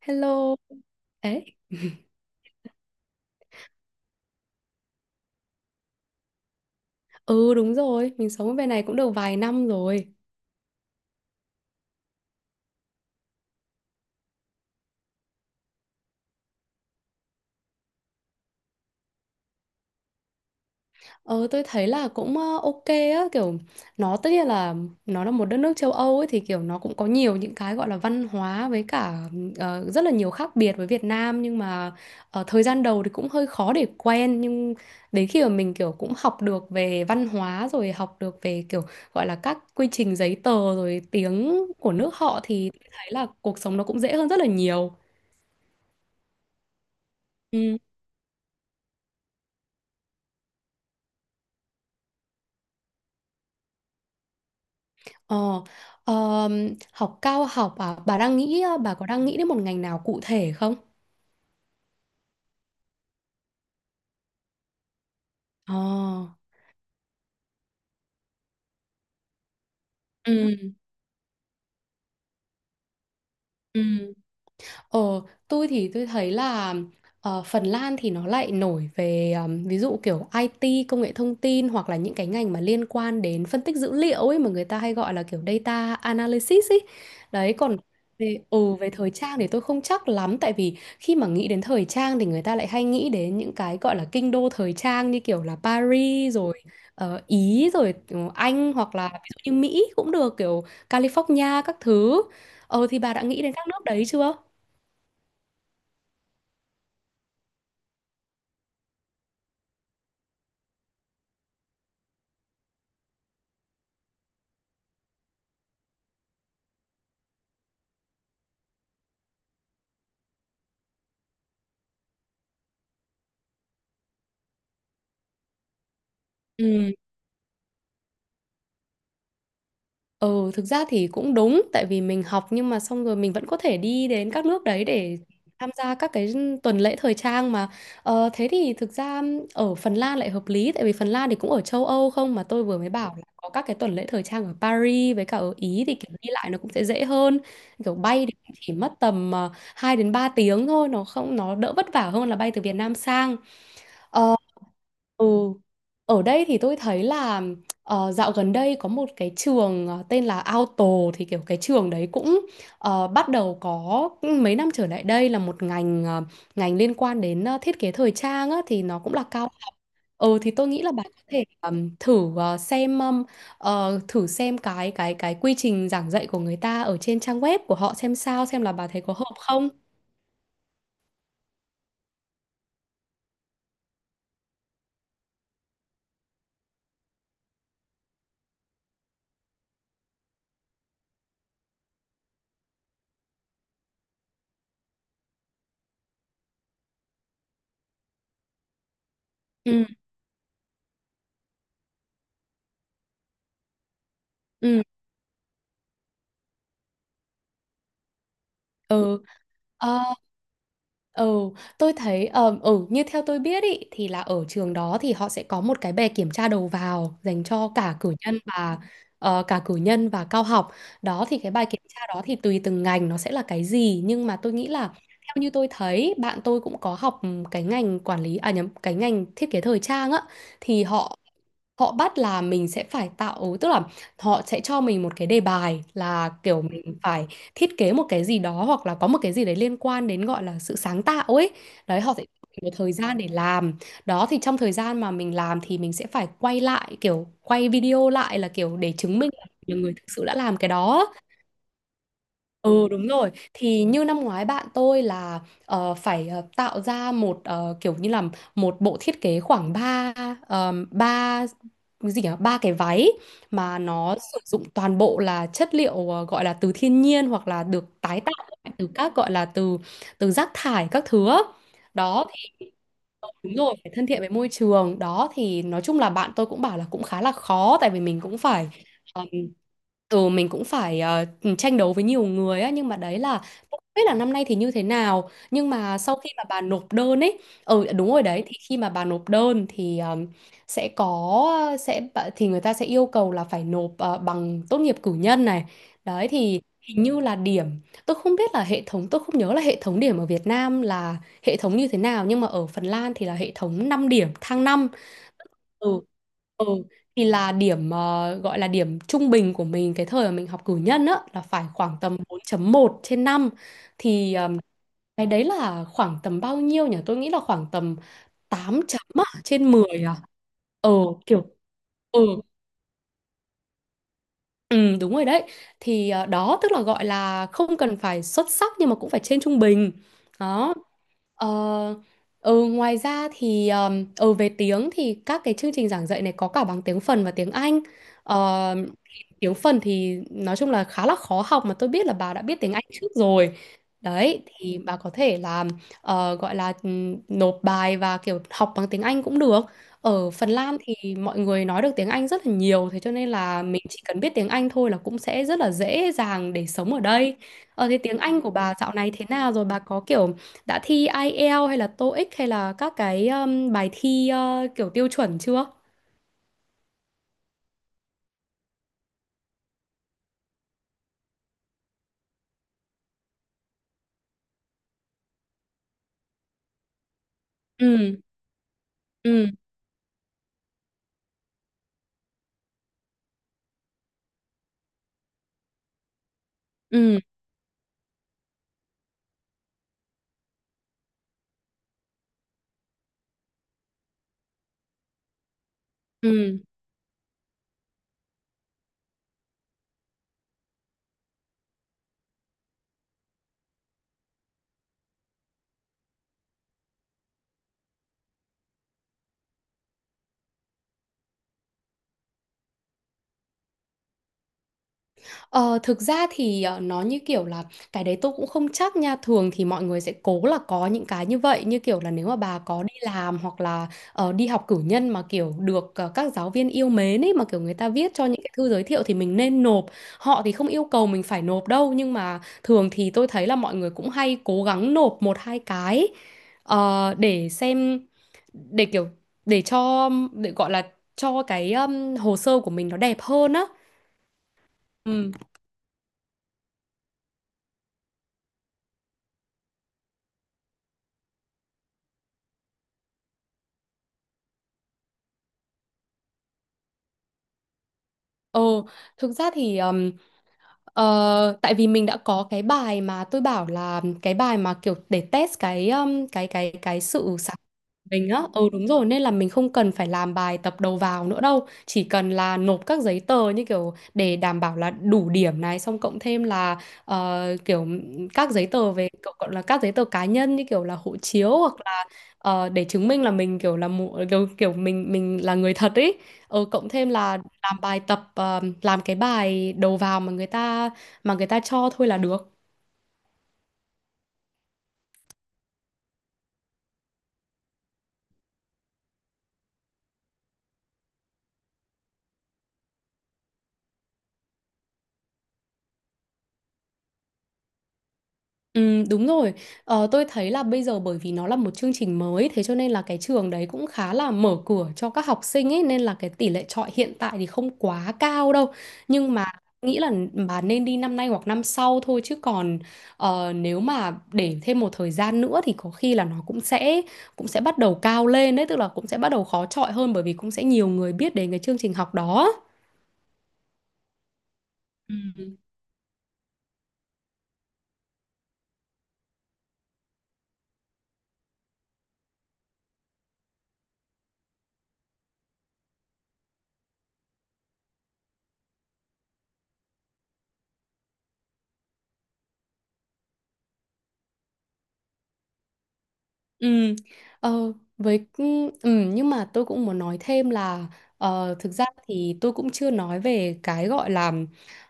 Hello. Ấy. Ừ đúng rồi, mình sống ở bên này cũng được vài năm rồi. Ờ tôi thấy là cũng ok á, kiểu nó tất nhiên là nó là một đất nước châu Âu ấy thì kiểu nó cũng có nhiều những cái gọi là văn hóa với cả rất là nhiều khác biệt với Việt Nam, nhưng mà ở thời gian đầu thì cũng hơi khó để quen, nhưng đến khi mà mình kiểu cũng học được về văn hóa rồi học được về kiểu gọi là các quy trình giấy tờ rồi tiếng của nước họ thì thấy là cuộc sống nó cũng dễ hơn rất là nhiều. Ừ. Ờ, Học cao học à? Bà có đang nghĩ đến một ngành nào cụ thể không? Ờ, ừ, ừ. Ờ, tôi thì tôi thấy là Phần Lan thì nó lại nổi về ví dụ kiểu IT, công nghệ thông tin, hoặc là những cái ngành mà liên quan đến phân tích dữ liệu ấy mà người ta hay gọi là kiểu data analysis ấy. Đấy, còn về thời trang thì tôi không chắc lắm, tại vì khi mà nghĩ đến thời trang thì người ta lại hay nghĩ đến những cái gọi là kinh đô thời trang như kiểu là Paris rồi Ý rồi Anh, hoặc là ví dụ như Mỹ cũng được, kiểu California các thứ. Thì bà đã nghĩ đến các nước đấy chưa? Ừm, ừ, Thực ra thì cũng đúng, tại vì mình học nhưng mà xong rồi mình vẫn có thể đi đến các nước đấy để tham gia các cái tuần lễ thời trang mà. Thế thì thực ra ở Phần Lan lại hợp lý, tại vì Phần Lan thì cũng ở châu Âu không mà tôi vừa mới bảo là có các cái tuần lễ thời trang ở Paris với cả ở Ý thì kiểu đi lại nó cũng sẽ dễ hơn. Kiểu bay thì cũng chỉ mất tầm 2 đến 3 tiếng thôi, nó không, nó đỡ vất vả hơn là bay từ Việt Nam sang. Ờ, ừ. Ở đây thì tôi thấy là dạo gần đây có một cái trường tên là Auto, thì kiểu cái trường đấy cũng bắt đầu có mấy năm trở lại đây là một ngành ngành liên quan đến thiết kế thời trang á, thì nó cũng là cao học. Ừ, thì tôi nghĩ là bạn có thể thử xem cái quy trình giảng dạy của người ta ở trên trang web của họ xem sao, xem là bà thấy có hợp không. Ừ. Ừ. Ừ. Ờ. Ừ, tôi thấy như theo tôi biết ý, thì là ở trường đó thì họ sẽ có một cái bài kiểm tra đầu vào dành cho cả cử nhân và cao học. Đó, thì cái bài kiểm tra đó thì tùy từng ngành nó sẽ là cái gì, nhưng mà tôi nghĩ là theo như tôi thấy bạn tôi cũng có học cái ngành quản lý, à nhầm, cái ngành thiết kế thời trang á, thì họ họ bắt là mình sẽ phải tạo, tức là họ sẽ cho mình một cái đề bài là kiểu mình phải thiết kế một cái gì đó, hoặc là có một cái gì đấy liên quan đến gọi là sự sáng tạo ấy, đấy họ sẽ cho mình một thời gian để làm, đó thì trong thời gian mà mình làm thì mình sẽ phải quay lại, kiểu quay video lại là kiểu để chứng minh là nhiều người thực sự đã làm cái đó. Ừ đúng rồi, thì như năm ngoái bạn tôi là phải tạo ra một kiểu như là một bộ thiết kế khoảng ba ba cái gì nhỉ, ba cái váy mà nó sử dụng toàn bộ là chất liệu gọi là từ thiên nhiên, hoặc là được tái tạo lại từ các gọi là từ từ rác thải các thứ á. Đó thì đúng rồi, phải thân thiện với môi trường, đó thì nói chung là bạn tôi cũng bảo là cũng khá là khó, tại vì mình cũng phải. Ừ, mình cũng phải tranh đấu với nhiều người á, nhưng mà đấy là không biết là năm nay thì như thế nào, nhưng mà sau khi mà bà nộp đơn ấy. Ừ đúng rồi đấy, thì khi mà bà nộp đơn thì sẽ có sẽ bà- thì người ta sẽ yêu cầu là phải nộp bằng tốt nghiệp cử nhân này, đấy thì hình như là điểm, tôi không biết là hệ thống, tôi không nhớ là hệ thống điểm ở Việt Nam là hệ thống như thế nào, nhưng mà ở Phần Lan thì là hệ thống 5 điểm, thang năm. Ừ. Ừ. Thì là điểm gọi là điểm trung bình của mình cái thời mà mình học cử nhân á là phải khoảng tầm 4,1 trên năm, thì cái đấy là khoảng tầm bao nhiêu nhỉ? Tôi nghĩ là khoảng tầm 8 chấm á, trên 10 à. Ờ Kiểu ừ, ừ đúng rồi đấy. Thì đó tức là gọi là không cần phải xuất sắc nhưng mà cũng phải trên trung bình. Đó. Ờ, Ngoài ra thì về tiếng thì các cái chương trình giảng dạy này có cả bằng tiếng phần và tiếng Anh. Ờ, thì tiếng phần thì nói chung là khá là khó học, mà tôi biết là bà đã biết tiếng Anh trước rồi. Đấy, thì bà có thể là gọi là nộp bài và kiểu học bằng tiếng Anh cũng được. Ở Phần Lan thì mọi người nói được tiếng Anh rất là nhiều, thế cho nên là mình chỉ cần biết tiếng Anh thôi là cũng sẽ rất là dễ dàng để sống ở đây. Thế tiếng Anh của bà dạo này thế nào rồi? Bà có kiểu đã thi IELTS hay là TOEIC hay là các cái bài thi kiểu tiêu chuẩn chưa? Ừ. Ừ. Ừ. Ừ. Ờ, Thực ra thì nó như kiểu là cái đấy tôi cũng không chắc nha, thường thì mọi người sẽ cố là có những cái như vậy, như kiểu là nếu mà bà có đi làm hoặc là đi học cử nhân mà kiểu được các giáo viên yêu mến ấy mà kiểu người ta viết cho những cái thư giới thiệu thì mình nên nộp, họ thì không yêu cầu mình phải nộp đâu, nhưng mà thường thì tôi thấy là mọi người cũng hay cố gắng nộp một hai cái ờ, để xem để kiểu để cho, để gọi là cho cái hồ sơ của mình nó đẹp hơn á. Ừ. Ồ, thực ra thì tại vì mình đã có cái bài mà tôi bảo là cái bài mà kiểu để test cái cái sự sáng tạo của mình á. Ừ đúng rồi, nên là mình không cần phải làm bài tập đầu vào nữa đâu, chỉ cần là nộp các giấy tờ như kiểu để đảm bảo là đủ điểm này, xong cộng thêm là kiểu các giấy tờ về cậu, gọi là các giấy tờ cá nhân như kiểu là hộ chiếu, hoặc để chứng minh là mình kiểu là mu- kiểu, kiểu mình là người thật ấy, cộng thêm là làm cái bài đầu vào mà người ta cho thôi là được. Ừ, đúng rồi. Tôi thấy là bây giờ bởi vì nó là một chương trình mới, thế cho nên là cái trường đấy cũng khá là mở cửa cho các học sinh ấy, nên là cái tỷ lệ chọi hiện tại thì không quá cao đâu. Nhưng mà nghĩ là bà nên đi năm nay hoặc năm sau thôi, chứ còn nếu mà để thêm một thời gian nữa thì có khi là nó cũng sẽ bắt đầu cao lên đấy, tức là cũng sẽ bắt đầu khó chọi hơn bởi vì cũng sẽ nhiều người biết đến cái chương trình học đó. Ừ. Ừ, ờ, với ừ, ừ, nhưng mà tôi cũng muốn nói thêm là thực ra thì tôi cũng chưa nói về cái gọi là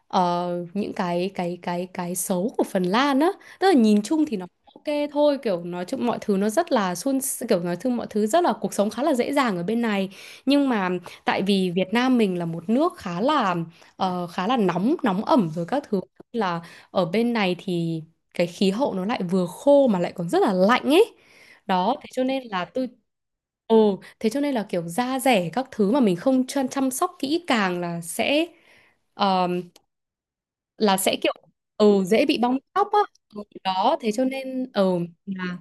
những cái xấu của Phần Lan á, tức là nhìn chung thì nó ok thôi, kiểu nói chung mọi thứ nó rất là suôn s- kiểu nói chung mọi thứ rất là, cuộc sống khá là dễ dàng ở bên này, nhưng mà tại vì Việt Nam mình là một nước khá là khá là nóng, nóng ẩm rồi các thứ, là ở bên này thì cái khí hậu nó lại vừa khô mà lại còn rất là lạnh ấy, đó thế cho nên là tôi, ồ thế cho nên là kiểu da dẻ các thứ mà mình không chăm chăm sóc kỹ càng ờm, là sẽ kiểu ừ dễ bị bong tóc á. Ừ, đó thế cho nên ừ là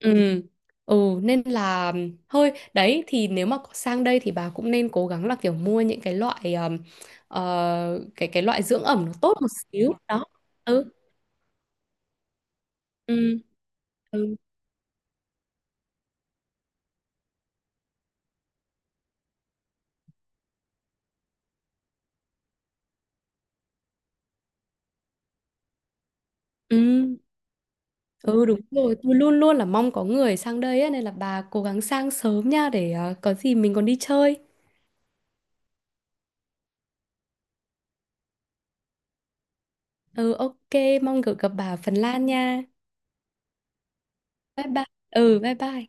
ừ ừ nên là thôi, đấy thì nếu mà có sang đây thì bà cũng nên cố gắng là kiểu mua những cái loại ờ, cái loại dưỡng ẩm nó tốt một xíu đó. Ừ. Ừ. Ừ. Ừ. Ừ đúng rồi, tôi luôn luôn là mong có người sang đây á, nên là bà cố gắng sang sớm nha để có gì mình còn đi chơi. Ừ ok, mong được gặp bà ở Phần Lan nha. Bye bye. Ừ bye bye.